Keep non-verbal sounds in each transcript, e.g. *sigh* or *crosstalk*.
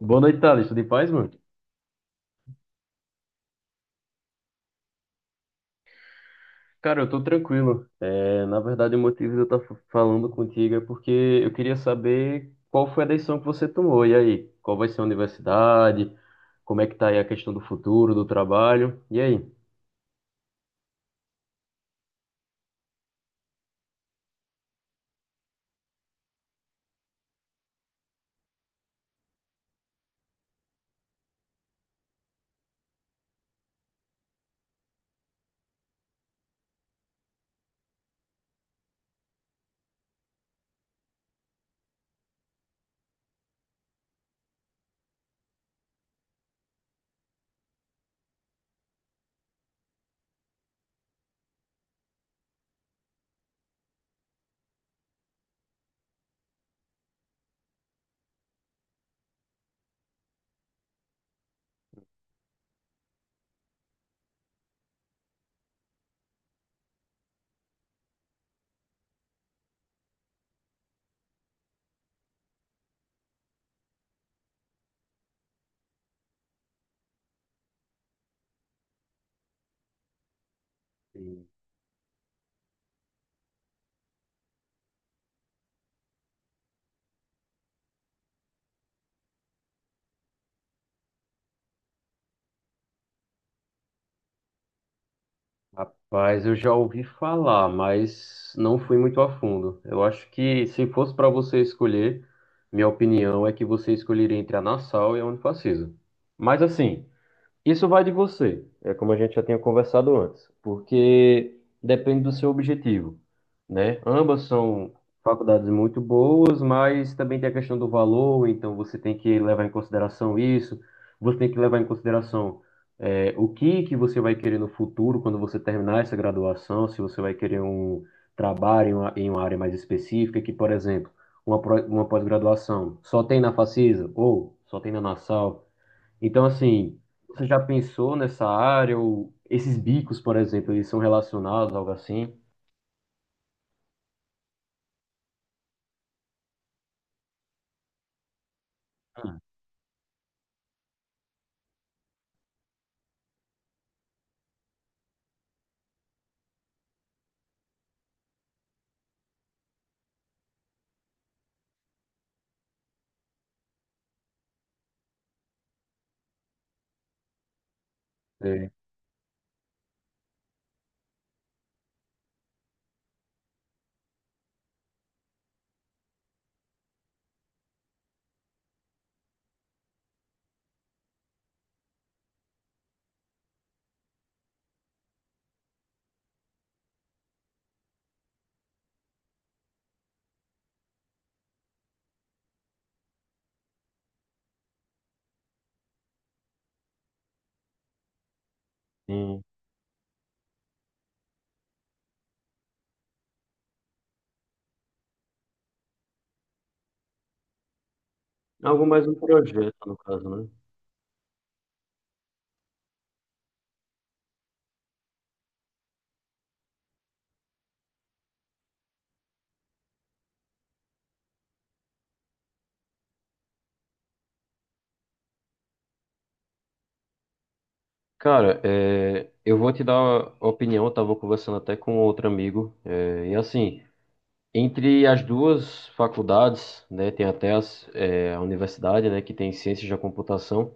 Boa noite, Thales. Tudo em paz, mano? Cara, eu tô tranquilo. Na verdade, o motivo de eu estar falando contigo é porque eu queria saber qual foi a decisão que você tomou. E aí, qual vai ser a universidade? Como é que tá aí a questão do futuro, do trabalho? E aí? Sim. Rapaz, eu já ouvi falar, mas não fui muito a fundo. Eu acho que se fosse para você escolher, minha opinião é que você escolheria entre a Nassau e a Unifacisa. Mas assim, isso vai de você, é como a gente já tinha conversado antes, porque depende do seu objetivo, né? Ambas são faculdades muito boas, mas também tem a questão do valor, então você tem que levar em consideração isso, você tem que levar em consideração o que que você vai querer no futuro quando você terminar essa graduação, se você vai querer um trabalho em uma área mais específica, que, por exemplo, uma pós-graduação só tem na Facisa ou só tem na Nassau, então, assim, você já pensou nessa área ou esses bicos, por exemplo, eles são relacionados, algo assim? É, sim. Algo mais um projeto, no caso, né? Cara, eu vou te dar a opinião, eu tava conversando até com outro amigo, e assim, entre as duas faculdades, né, tem até as, é, a universidade, né, que tem ciências da computação,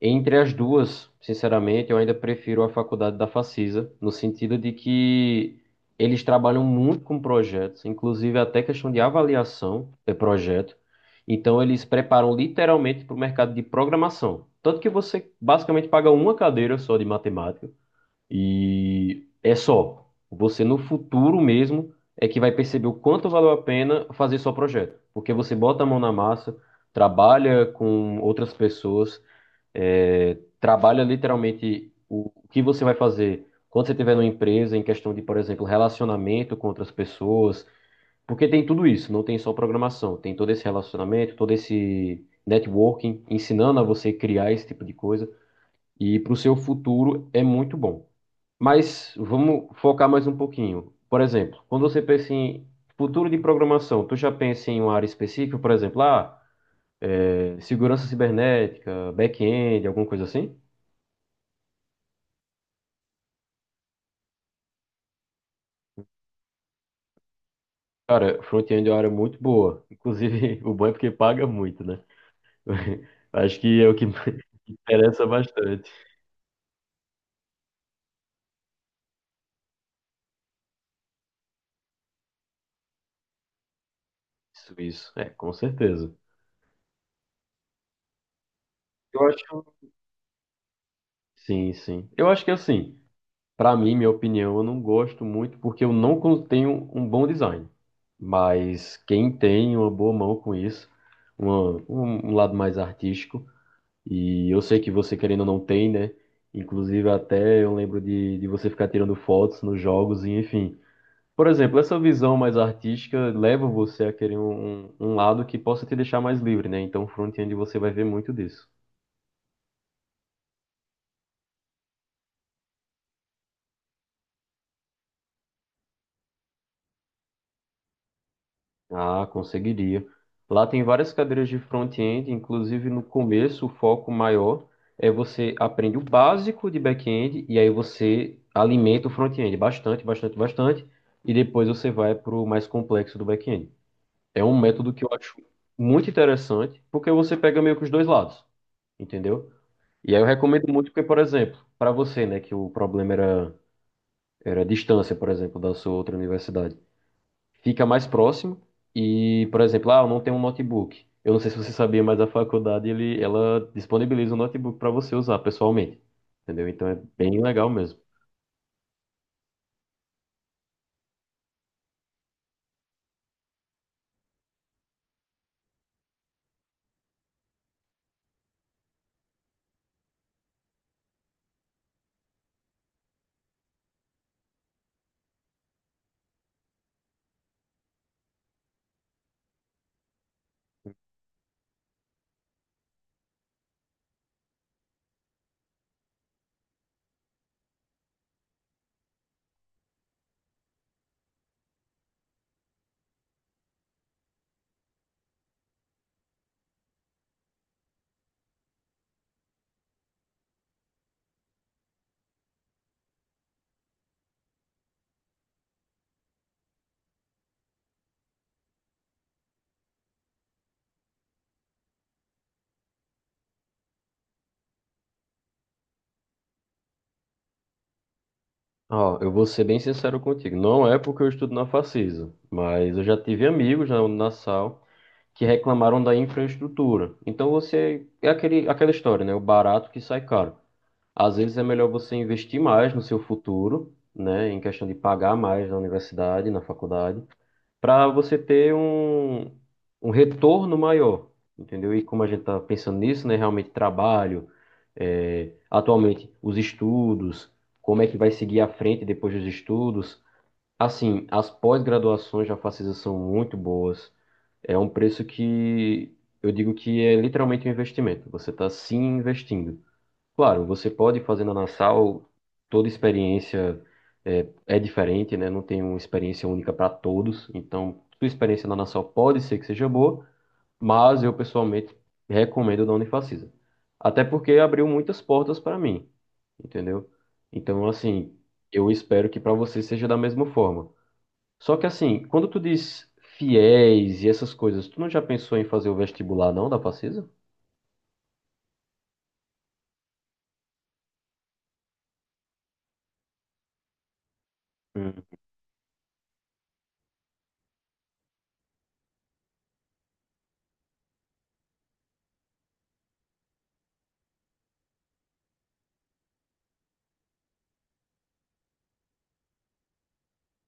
entre as duas, sinceramente, eu ainda prefiro a faculdade da Facisa, no sentido de que eles trabalham muito com projetos, inclusive até questão de avaliação de projeto. Então, eles preparam literalmente para o mercado de programação. Tanto que você basicamente paga uma cadeira só de matemática e é só. Você no futuro mesmo é que vai perceber o quanto valeu a pena fazer só projeto, porque você bota a mão na massa, trabalha com outras pessoas trabalha literalmente o que você vai fazer quando você estiver numa empresa, em questão de, por exemplo, relacionamento com outras pessoas, porque tem tudo isso, não tem só programação, tem todo esse relacionamento, todo esse networking, ensinando a você criar esse tipo de coisa, e para o seu futuro é muito bom. Mas vamos focar mais um pouquinho. Por exemplo, quando você pensa em futuro de programação, tu já pensa em uma área específica, por exemplo, ah, é, segurança cibernética, back-end, alguma coisa assim? Cara, front-end é uma área muito boa. Inclusive, *laughs* o bom é porque paga muito, né? *laughs* Acho que é o que *laughs* interessa bastante. Isso, isso. É, com certeza. Eu acho. Sim, sim. Eu acho que assim, pra mim, minha opinião, eu não gosto muito porque eu não con- tenho um bom design. Mas quem tem uma boa mão com isso, um lado mais artístico, e eu sei que você querendo ou não tem, né? Inclusive, até eu lembro de você ficar tirando fotos nos jogos, e enfim. Por exemplo, essa visão mais artística leva você a querer um lado que possa te deixar mais livre, né? Então, front-end você vai ver muito disso. Ah, conseguiria. Lá tem várias cadeiras de front-end, inclusive no começo o foco maior é você aprende o básico de back-end e aí você alimenta o front-end bastante, bastante, bastante e depois você vai para o mais complexo do back-end. É um método que eu acho muito interessante porque você pega meio que os dois lados, entendeu? E aí eu recomendo muito porque, por exemplo, para você, né, que o problema era, era a distância, por exemplo, da sua outra universidade, fica mais próximo e, por exemplo, ah, eu não tenho um notebook. Eu não sei se você sabia, mas a faculdade, ela disponibiliza um notebook para você usar pessoalmente, entendeu? Então é bem legal mesmo. Ó, eu vou ser bem sincero contigo. Não é porque eu estudo na Facisa, mas eu já tive amigos na Unassal que reclamaram da infraestrutura. Então você é aquela história, né? O barato que sai caro. Às vezes é melhor você investir mais no seu futuro, né, em questão de pagar mais na universidade, na faculdade, para você ter um retorno maior, entendeu? E como a gente está pensando nisso, né, realmente trabalho, atualmente os estudos, como é que vai seguir à frente depois dos estudos. Assim, as pós-graduações já facilitam, são muito boas. É um preço que eu digo que é literalmente um investimento. Você está se investindo. Claro, você pode fazer na Nassau, toda experiência é diferente, né? Não tem uma experiência única para todos. Então, sua experiência na Nassau pode ser que seja boa, mas eu pessoalmente recomendo da Unifacisa. Até porque abriu muitas portas para mim, entendeu? Então, assim, eu espero que para você seja da mesma forma. Só que, assim, quando tu diz fiéis e essas coisas, tu não já pensou em fazer o vestibular, não, da Facisa? Hum,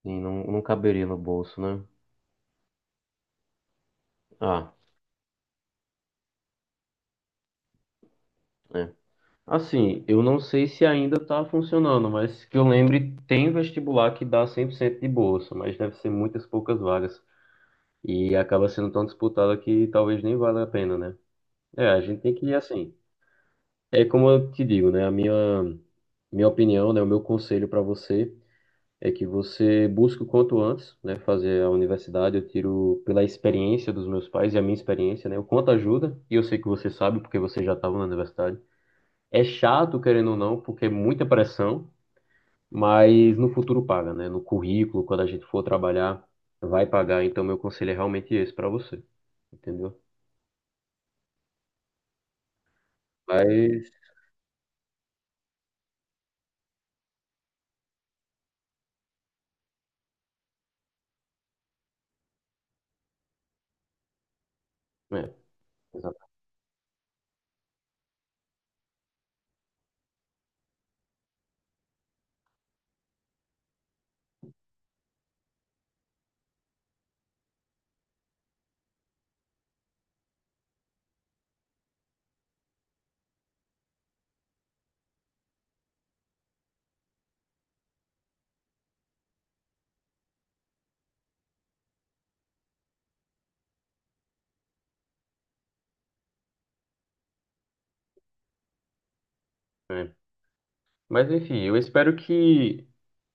sim, não, não caberia no bolso, né? Ah. É. Assim, eu não sei se ainda está funcionando, mas que eu lembre, tem vestibular que dá 100% de bolsa, mas deve ser muitas poucas vagas. E acaba sendo tão disputada que talvez nem valha a pena, né? É, a gente tem que ir assim. É como eu te digo, né? Minha opinião, né? O meu conselho para você é que você busque o quanto antes, né? Fazer a universidade. Eu tiro pela experiência dos meus pais e a minha experiência, né? O quanto ajuda, e eu sei que você sabe, porque você já estava na universidade. É chato, querendo ou não, porque é muita pressão. Mas no futuro paga, né? No currículo, quando a gente for trabalhar, vai pagar. Então, meu conselho é realmente esse para você, entendeu? Mas, é, exato, é. Mas enfim, eu espero que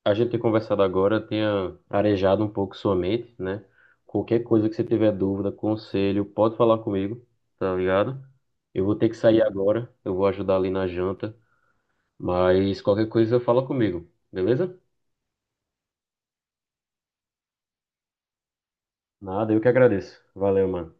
a gente ter conversado agora tenha arejado um pouco sua mente, né? Qualquer coisa que você tiver dúvida, conselho, pode falar comigo, tá ligado? Eu vou ter que sair agora, eu vou ajudar ali na janta, mas qualquer coisa fala comigo, beleza? Nada, eu que agradeço. Valeu, mano.